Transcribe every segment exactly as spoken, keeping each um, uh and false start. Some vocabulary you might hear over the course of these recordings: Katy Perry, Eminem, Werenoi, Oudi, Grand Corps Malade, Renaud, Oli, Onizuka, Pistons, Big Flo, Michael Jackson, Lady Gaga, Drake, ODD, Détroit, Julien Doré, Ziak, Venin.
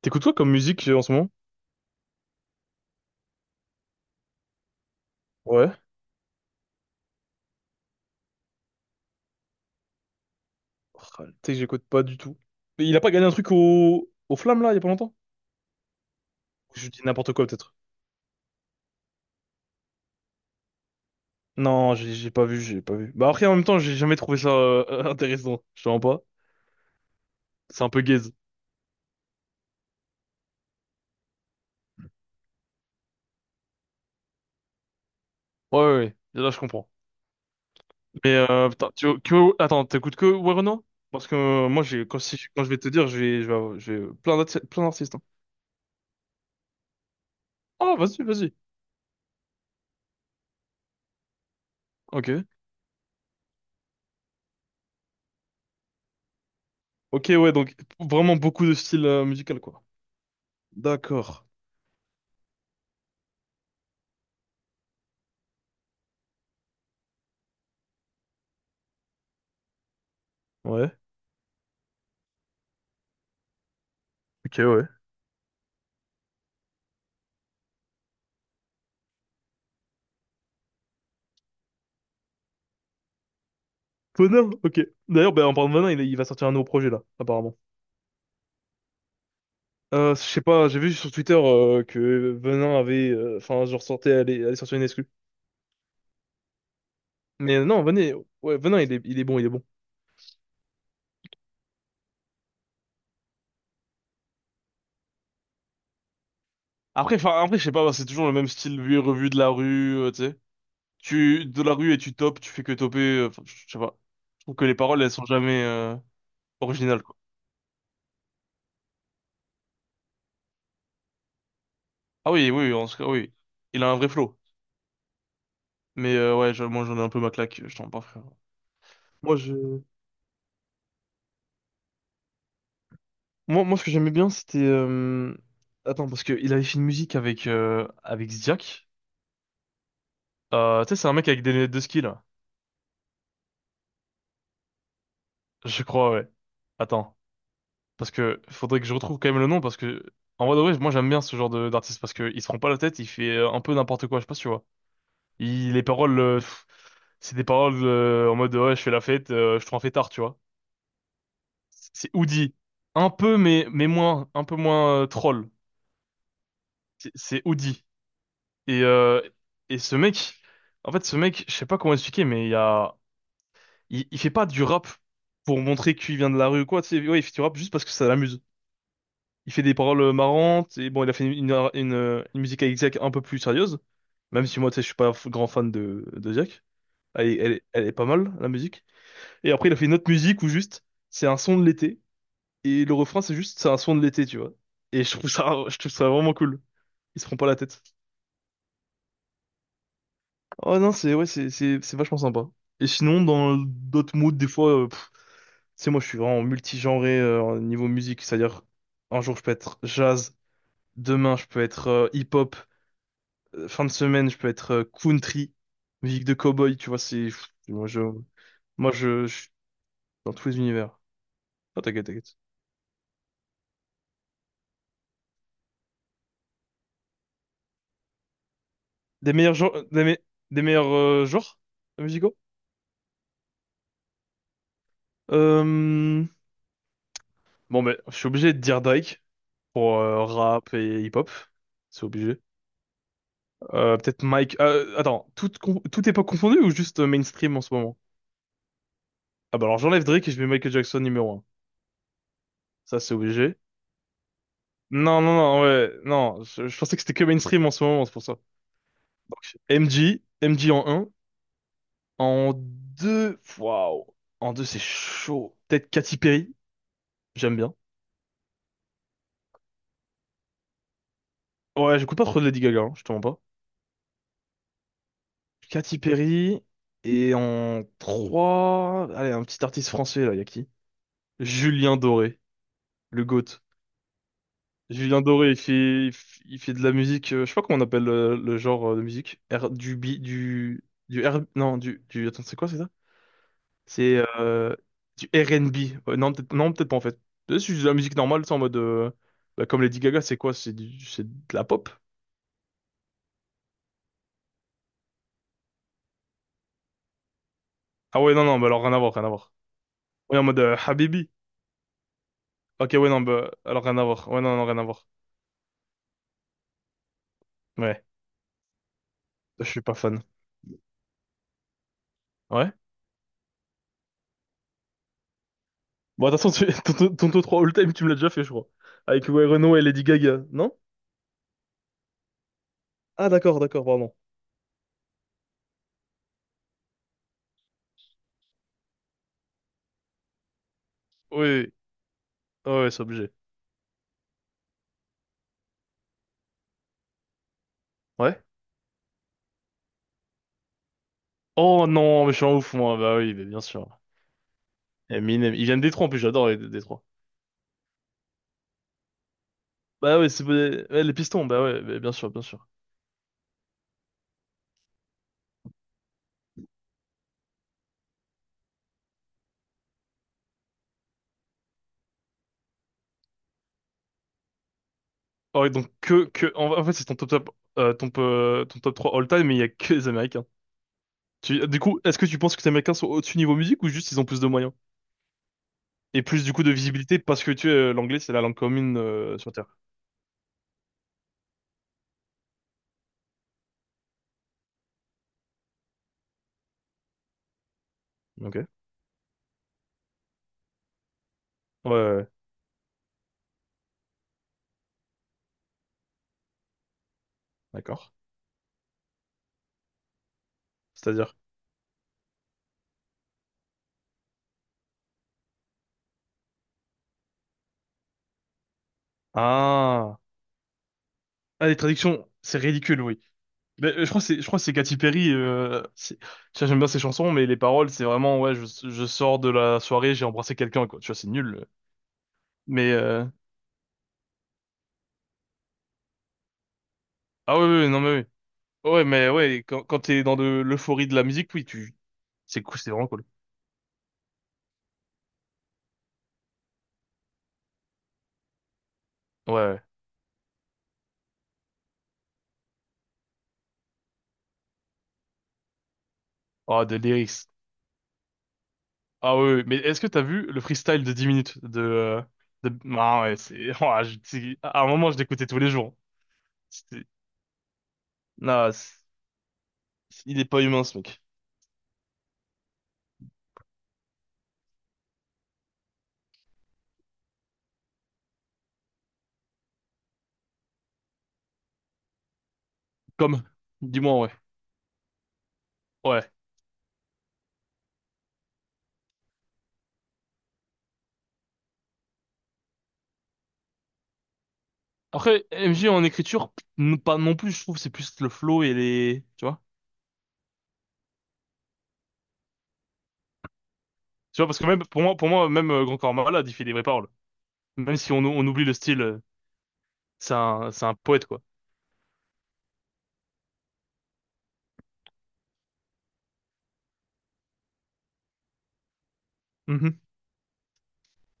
T'écoutes quoi comme musique euh, en ce moment? Ouais. Oh, tu sais que j'écoute pas du tout. Mais il a pas gagné un truc au, au Flamme là, il y a pas longtemps? Je dis n'importe quoi peut-être. Non, j'ai j'ai pas vu, j'ai pas vu. Bah après en même temps, j'ai jamais trouvé ça euh, intéressant. Je te mens pas. C'est un peu gaze. Ouais, ouais, ouais. Là, je comprends. Mais euh, putain, tu, que- attends, t'écoutes que Werenoi? Parce que euh, moi, j'ai quand, si- quand je vais te dire, je vais, je vais, avoir- je vais- plein d'artistes, plein d'artistes, hein. Ah, vas-y, vas-y. Ok. Ok, ouais, donc vraiment beaucoup de styles euh, musicaux quoi. D'accord. Ouais. Ok, ouais. Venin, ok. D'ailleurs, ben, en parlant de Venin, il, il va sortir un nouveau projet là, apparemment. Euh, je sais pas, j'ai vu sur Twitter euh, que Venin avait, euh, enfin, genre sortait, allait, allait sortir une exclu. Mais non, Venin, ouais, Venin, il est, il est bon, il est bon. Après, enfin, après, je sais pas, c'est toujours le même style vu et revu de la rue, euh, tu sais. Tu, de la rue et tu topes, tu fais que toper, euh, enfin, je sais pas. Je trouve que les paroles, elles sont jamais, euh, originales, quoi. Ah oui, oui, oui, en tout cas, oui. Il a un vrai flow. Mais, euh, ouais, je- moi, j'en ai un peu ma claque, je t'en parle, frère. Moi, je, Moi, moi, ce que j'aimais bien, c'était. euh, Attends, parce qu'il avait fait une musique avec, euh, avec Ziak. Euh, tu sais, c'est un mec avec des lunettes de ski, là. Je crois, ouais. Attends, parce que faudrait que je retrouve quand même le nom, parce que. En vrai, de vrai, moi, j'aime bien ce genre de d'artiste, parce qu'il se prend pas la tête, il fait euh, un peu n'importe quoi, je sais pas si tu vois. Il, les paroles, euh, pff, c'est des paroles euh, en mode, ouais, je fais la fête, euh, je te rends fêtard, tu vois. C'est Oudi. Un peu, mais, mais moins, un peu moins euh, troll. C'est c'est Oudi. Et, euh, et ce mec, en fait, ce mec, je sais pas comment expliquer, mais il y a, il, il fait pas du rap pour montrer qu'il vient de la rue ou quoi, tu sais. Ouais, il fait du rap juste parce que ça l'amuse. Il fait des paroles marrantes, et bon, il a fait une, une, une, une musique avec Ziak un peu plus sérieuse, même si moi, tu sais, je suis pas f- grand fan de, de Ziak. Elle, est- elle, est- elle est pas mal, la musique. Et après, il a fait une autre musique où juste, c'est un son de l'été, et le refrain, c'est juste, c'est un son de l'été, tu vois. Et je trouve ça, je trouve ça vraiment cool. Il se prend pas la tête. Oh non, c'est ouais, c'est c'est c'est vachement sympa. Et sinon, dans d'autres moods, des fois, euh, pff, tu sais, moi, je suis vraiment multigenré euh, au niveau musique. C'est-à-dire, un jour, je peux être jazz, demain, je peux être euh, hip-hop, euh, fin de semaine, je peux être euh, country, musique de cowboy. Tu vois, c'est pff, moi, je moi, je, je suis dans tous les univers. Ah, t'inquiète, t'inquiète. Des meilleurs genres, des, me- des meilleurs euh, genres musicaux? Euh, Bon, ben, je suis obligé de dire Drake pour euh, rap et hip-hop. C'est obligé. Euh, peut-être Mike, euh, attends, toute, con- toute époque confondue ou juste euh, mainstream en ce moment? Ah bah alors j'enlève Drake et je mets Michael Jackson numéro un. Ça c'est obligé. Non, non, non, ouais, non, je, je pensais que c'était que mainstream en ce moment, c'est pour ça. Donc, M J, M J en un. En deux, waouh. En deux c'est chaud. Peut-être Katy Perry, j'aime bien. Ouais, j'écoute pas trop de Lady Gaga, hein, je te mens pas. Katy Perry. Et en trois, allez, un petit artiste français là, y a qui? Julien Doré, le GOAT. Julien Doré, il fait, il f- il fait de la musique, euh, je sais pas comment on appelle euh, le, genre euh, de musique. R- du B, du, du R, non, du, du, attends, c'est quoi, c'est ça? C'est euh, du R N B. Euh, non, peut-être, non, peut-être pas en fait. C'est juste de la musique normale, c'est en mode, euh, bah, comme Lady Gaga, c'est quoi? C'est du- c'est de la pop? Ah ouais, non, non, bah alors rien à voir, rien à voir. Ouais, en mode euh, Habibi. Ok, ouais, non, bah alors rien à voir. Ouais, non, non, rien à voir. Ouais, je suis pas fan. Ouais. Bon, attention, tu, ton, ton, ton top trois all-time, tu me l'as déjà fait, je crois. Avec ouais, Renaud et Lady Gaga, non? Ah d'accord, d'accord, pardon. Oui, oui, ouais, c'est obligé. Ouais. Oh non, mais je suis un ouf, moi. Bah oui, mais bien sûr. Eminem, il vient de Détroit en plus, j'adore les Détroit. Bah ouais, c'est ouais, les Pistons, bah ouais, bah bien sûr, bien sûr. Oh, et donc que que en, en fait, c'est ton top top euh, ton, euh, ton top trois all time, mais il y a que les Américains. Tu, du coup, est-ce que tu penses que les Américains sont au-dessus niveau musique ou juste ils ont plus de moyens? Et plus du coup de visibilité parce que tu sais, euh, l'anglais, c'est la langue commune euh, sur Terre. Ok. Ouais, ouais, ouais, d'accord. C'est-à-dire. Ah. Ah, les traductions, c'est ridicule, oui. Mais, euh, je crois que c'est, je crois que c'est Katy Perry. Euh, c'est- tu vois, j'aime bien ses chansons, mais les paroles, c'est vraiment, ouais, je, je sors de la soirée, j'ai embrassé quelqu'un, quoi. Tu vois, c'est nul. Mais euh, ah ouais, ouais, ouais, non mais ouais, ouais, mais ouais, quand, quand t'es dans de l'euphorie de la musique, oui, tu, c'est cool, c'est vraiment cool. Ouais, ouais. Ah, de lyrics. Ah ouais, ouais. Mais est-ce que t'as vu le freestyle de dix minutes de, euh, de... Ah ouais, c'est, ah, je- c'est- à un moment, je l'écoutais tous les jours. C'était- Non. C'est- il est pas humain, ce mec. Comme, dis-moi, ouais, ouais. Après, M J en écriture, n- pas non plus, je trouve, c'est plus le flow et les, tu vois? Tu vois, parce que même, pour moi, pour moi, même euh, Grand Corps Malade, il fait des vraies paroles. Même si on, on oublie le style, euh, c'est un, c'est un poète, quoi. Mhm.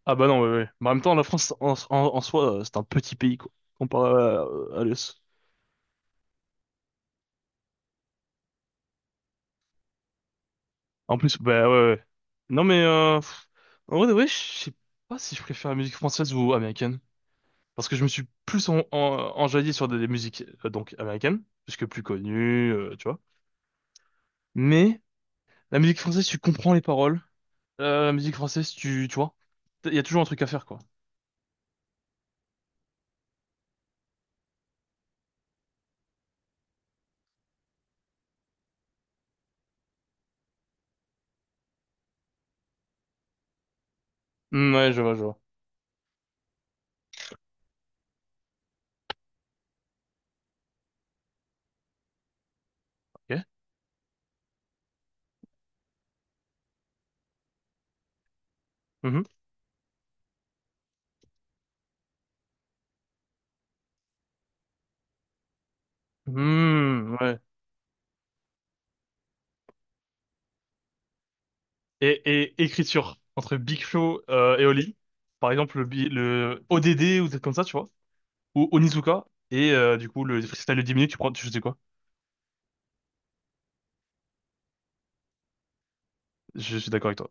Ah bah non, ouais, ouais. Mais en même temps, la France, en, en, en soi, euh, c'est un petit pays, quoi. Comparé à, à l'U S. En plus, bah ouais, ouais. Non mais, euh, pff, en vrai, de vrai, je sais pas si je préfère la musique française ou américaine. Parce que je me suis plus en, en, enjaillé sur des, des musiques, euh, donc, américaines. Puisque plus connues, euh, tu vois. Mais, la musique française, tu comprends les paroles. Euh, la musique française, tu, tu vois, il y a toujours un truc à faire, quoi. Hmm, ouais, je vois, je vois. Ok. Mhm. Hmm, ouais. Et, et écriture entre Big Flo euh, et Oli, par exemple le, bi- le odd ou des trucs comme ça, tu vois, ou Onizuka et euh, du coup le freestyle de dix minutes, tu prends, tu sais quoi? Je suis d'accord avec toi.